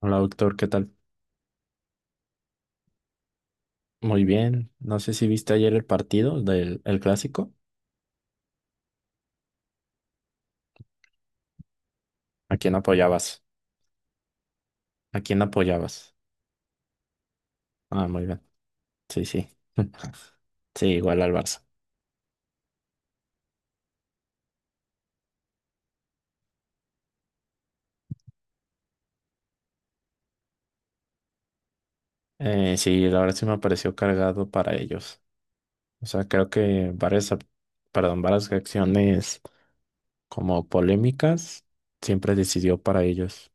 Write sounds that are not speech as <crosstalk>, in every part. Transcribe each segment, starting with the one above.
Hola doctor, ¿qué tal? Muy bien. No sé si viste ayer el partido del el clásico. ¿A quién apoyabas? ¿A quién apoyabas? Ah, muy bien. Sí, sí. <laughs> Sí, igual al Barça. Sí, la verdad sí me pareció cargado para ellos. O sea, creo que perdón, varias acciones como polémicas siempre decidió para ellos.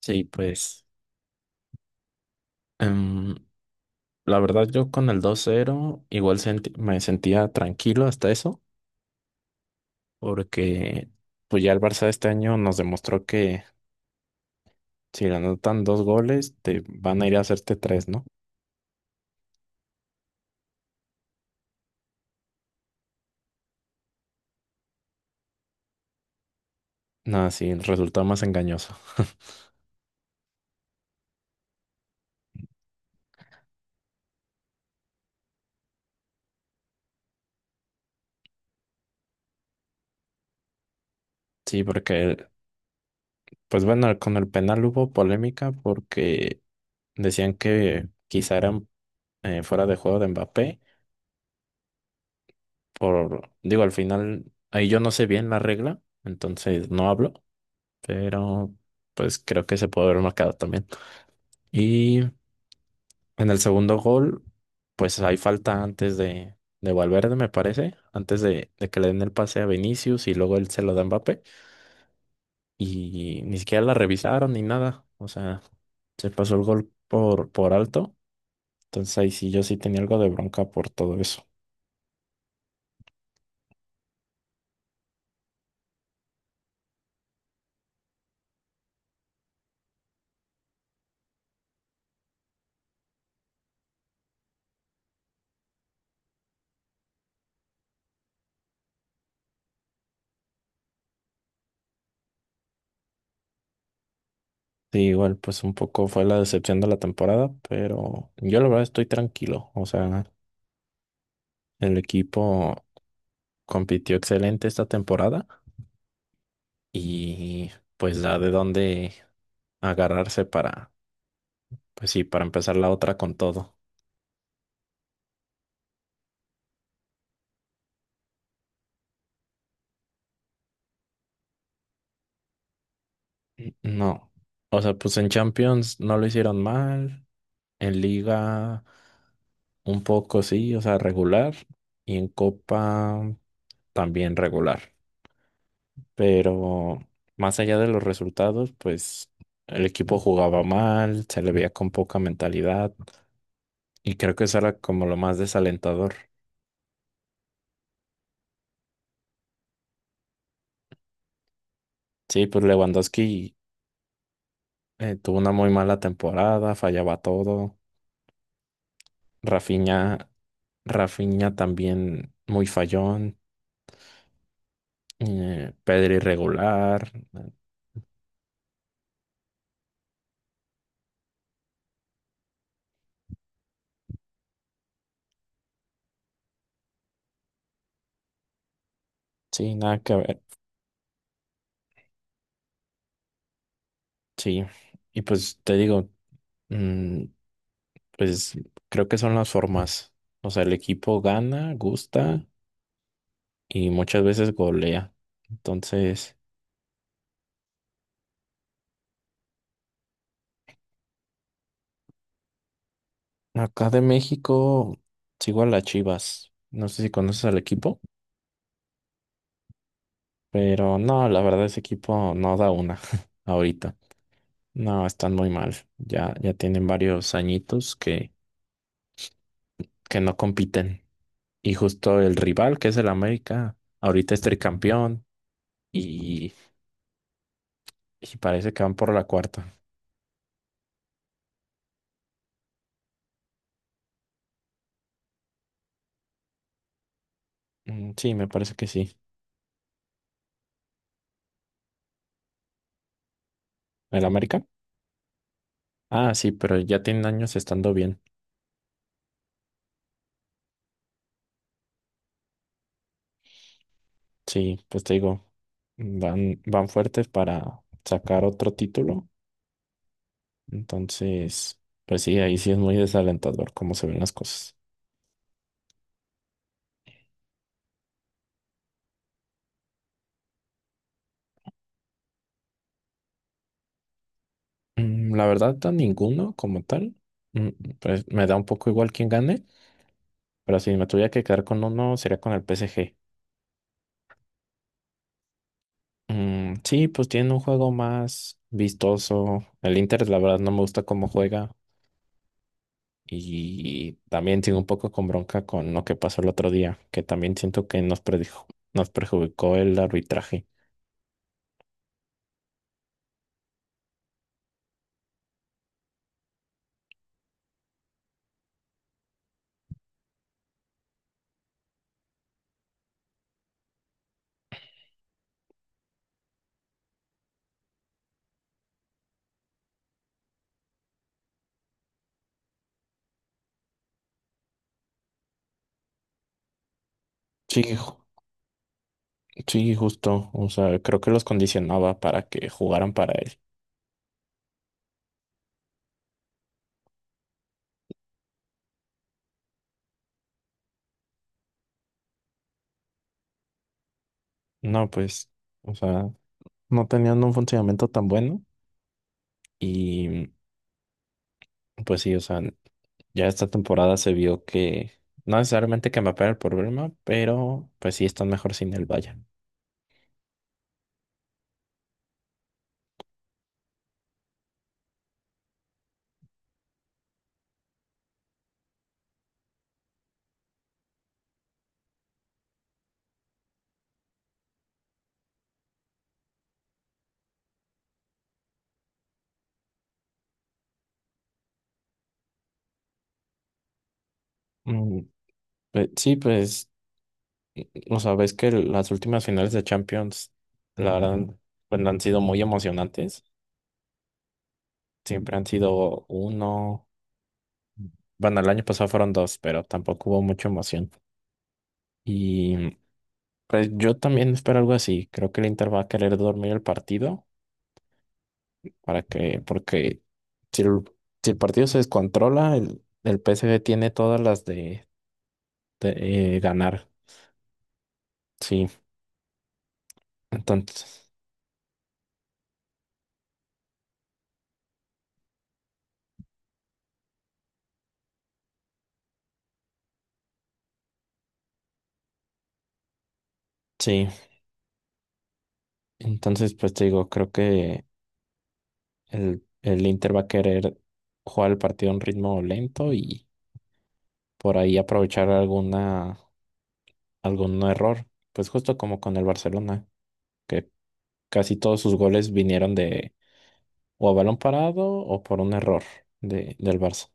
Sí, pues em, la verdad yo con el 2-0 igual me sentía tranquilo hasta eso. Porque pues ya el Barça este año nos demostró que si le anotan dos goles, te van a ir a hacerte tres, ¿no? Nada, sí, el resultado más engañoso. <laughs> Sí, porque, pues bueno, con el penal hubo polémica porque decían que quizá era fuera de juego de Mbappé, por, digo, al final, ahí yo no sé bien la regla, entonces no hablo, pero pues creo que se puede haber marcado también. Y en el segundo gol, pues hay falta antes de Valverde, me parece, antes de que le den el pase a Vinicius y luego él se lo da a Mbappé. Y ni siquiera la revisaron ni nada. O sea, se pasó el gol por alto. Entonces ahí sí yo sí tenía algo de bronca por todo eso. Sí, igual pues un poco fue la decepción de la temporada, pero yo la verdad estoy tranquilo. O sea, el equipo compitió excelente esta temporada y pues da de dónde agarrarse para Pues sí, para empezar la otra con todo. No. O sea, pues en Champions no lo hicieron mal. En Liga un poco sí, o sea, regular. Y en Copa también regular. Pero más allá de los resultados, pues el equipo jugaba mal, se le veía con poca mentalidad. Y creo que eso era como lo más desalentador. Sí, pues Lewandowski tuvo una muy mala temporada, fallaba todo. Rafinha, Rafinha también muy fallón. Pedri irregular. Sí, nada que ver. Sí. Y pues te digo, mm, pues creo que son las formas. O sea, el equipo gana, gusta y muchas veces golea. Entonces, acá de México sigo a las Chivas. No sé si conoces al equipo, pero no, la verdad ese equipo no da una <laughs> ahorita. No, están muy mal. Ya, ya tienen varios añitos que no compiten. Y justo el rival, que es el América, ahorita es tricampeón y, y parece que van por la cuarta. Mm, sí, me parece que sí. ¿El América? Ah, sí, pero ya tienen años estando bien. Sí, pues te digo, van fuertes para sacar otro título. Entonces, pues sí, ahí sí es muy desalentador cómo se ven las cosas. Mm, la verdad, a ninguno como tal. Mm, pues me da un poco igual quién gane, pero si me tuviera que quedar con uno, sería con el PSG. Mm, sí, pues tiene un juego más vistoso. El Inter, la verdad, no me gusta cómo juega. Y también sigo un poco con bronca con lo que pasó el otro día, que también siento que nos perjudicó el arbitraje. Sí, ju- sí, justo. O sea, creo que los condicionaba para que jugaran para él. No, pues, o sea, no tenían un funcionamiento tan bueno. Y pues sí, o sea, ya esta temporada se vio que no necesariamente que me el problema, pero pues sí están mejor sin el Bayern. Mm, pues, sí, pues, o sea, ves que las últimas finales de Champions, la verdad, pues, han sido muy emocionantes. Siempre han sido uno. Bueno, el año pasado fueron dos, pero tampoco hubo mucha emoción. Y pues yo también espero algo así. Creo que el Inter va a querer dormir el partido para que, porque si el, si el partido se descontrola, el PSG tiene todas las de ganar. Sí, entonces, sí, entonces pues te digo, creo que el Inter va a querer jugar el partido a un ritmo lento y por ahí aprovechar algún error, pues justo como con el Barcelona, que casi todos sus goles vinieron de o a balón parado o por un error del Barça.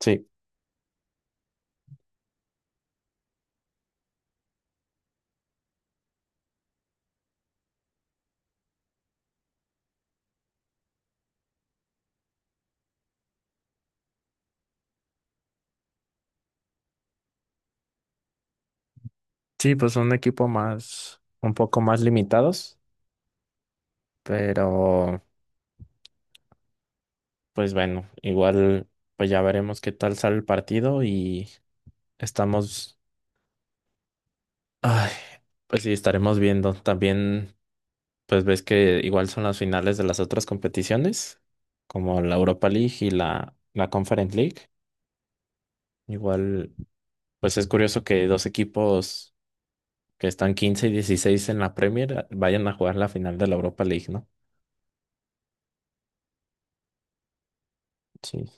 Sí. Sí, pues un equipo un poco más limitados, pero pues bueno, igual pues ya veremos qué tal sale el partido y estamos, ay, pues sí, estaremos viendo. También pues ves que igual son las finales de las otras competiciones, como la Europa League y la Conference League. Igual pues es curioso que dos equipos que están 15 y 16 en la Premier vayan a jugar la final de la Europa League, ¿no? Sí.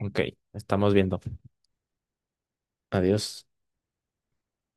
Ok, estamos viendo. Adiós.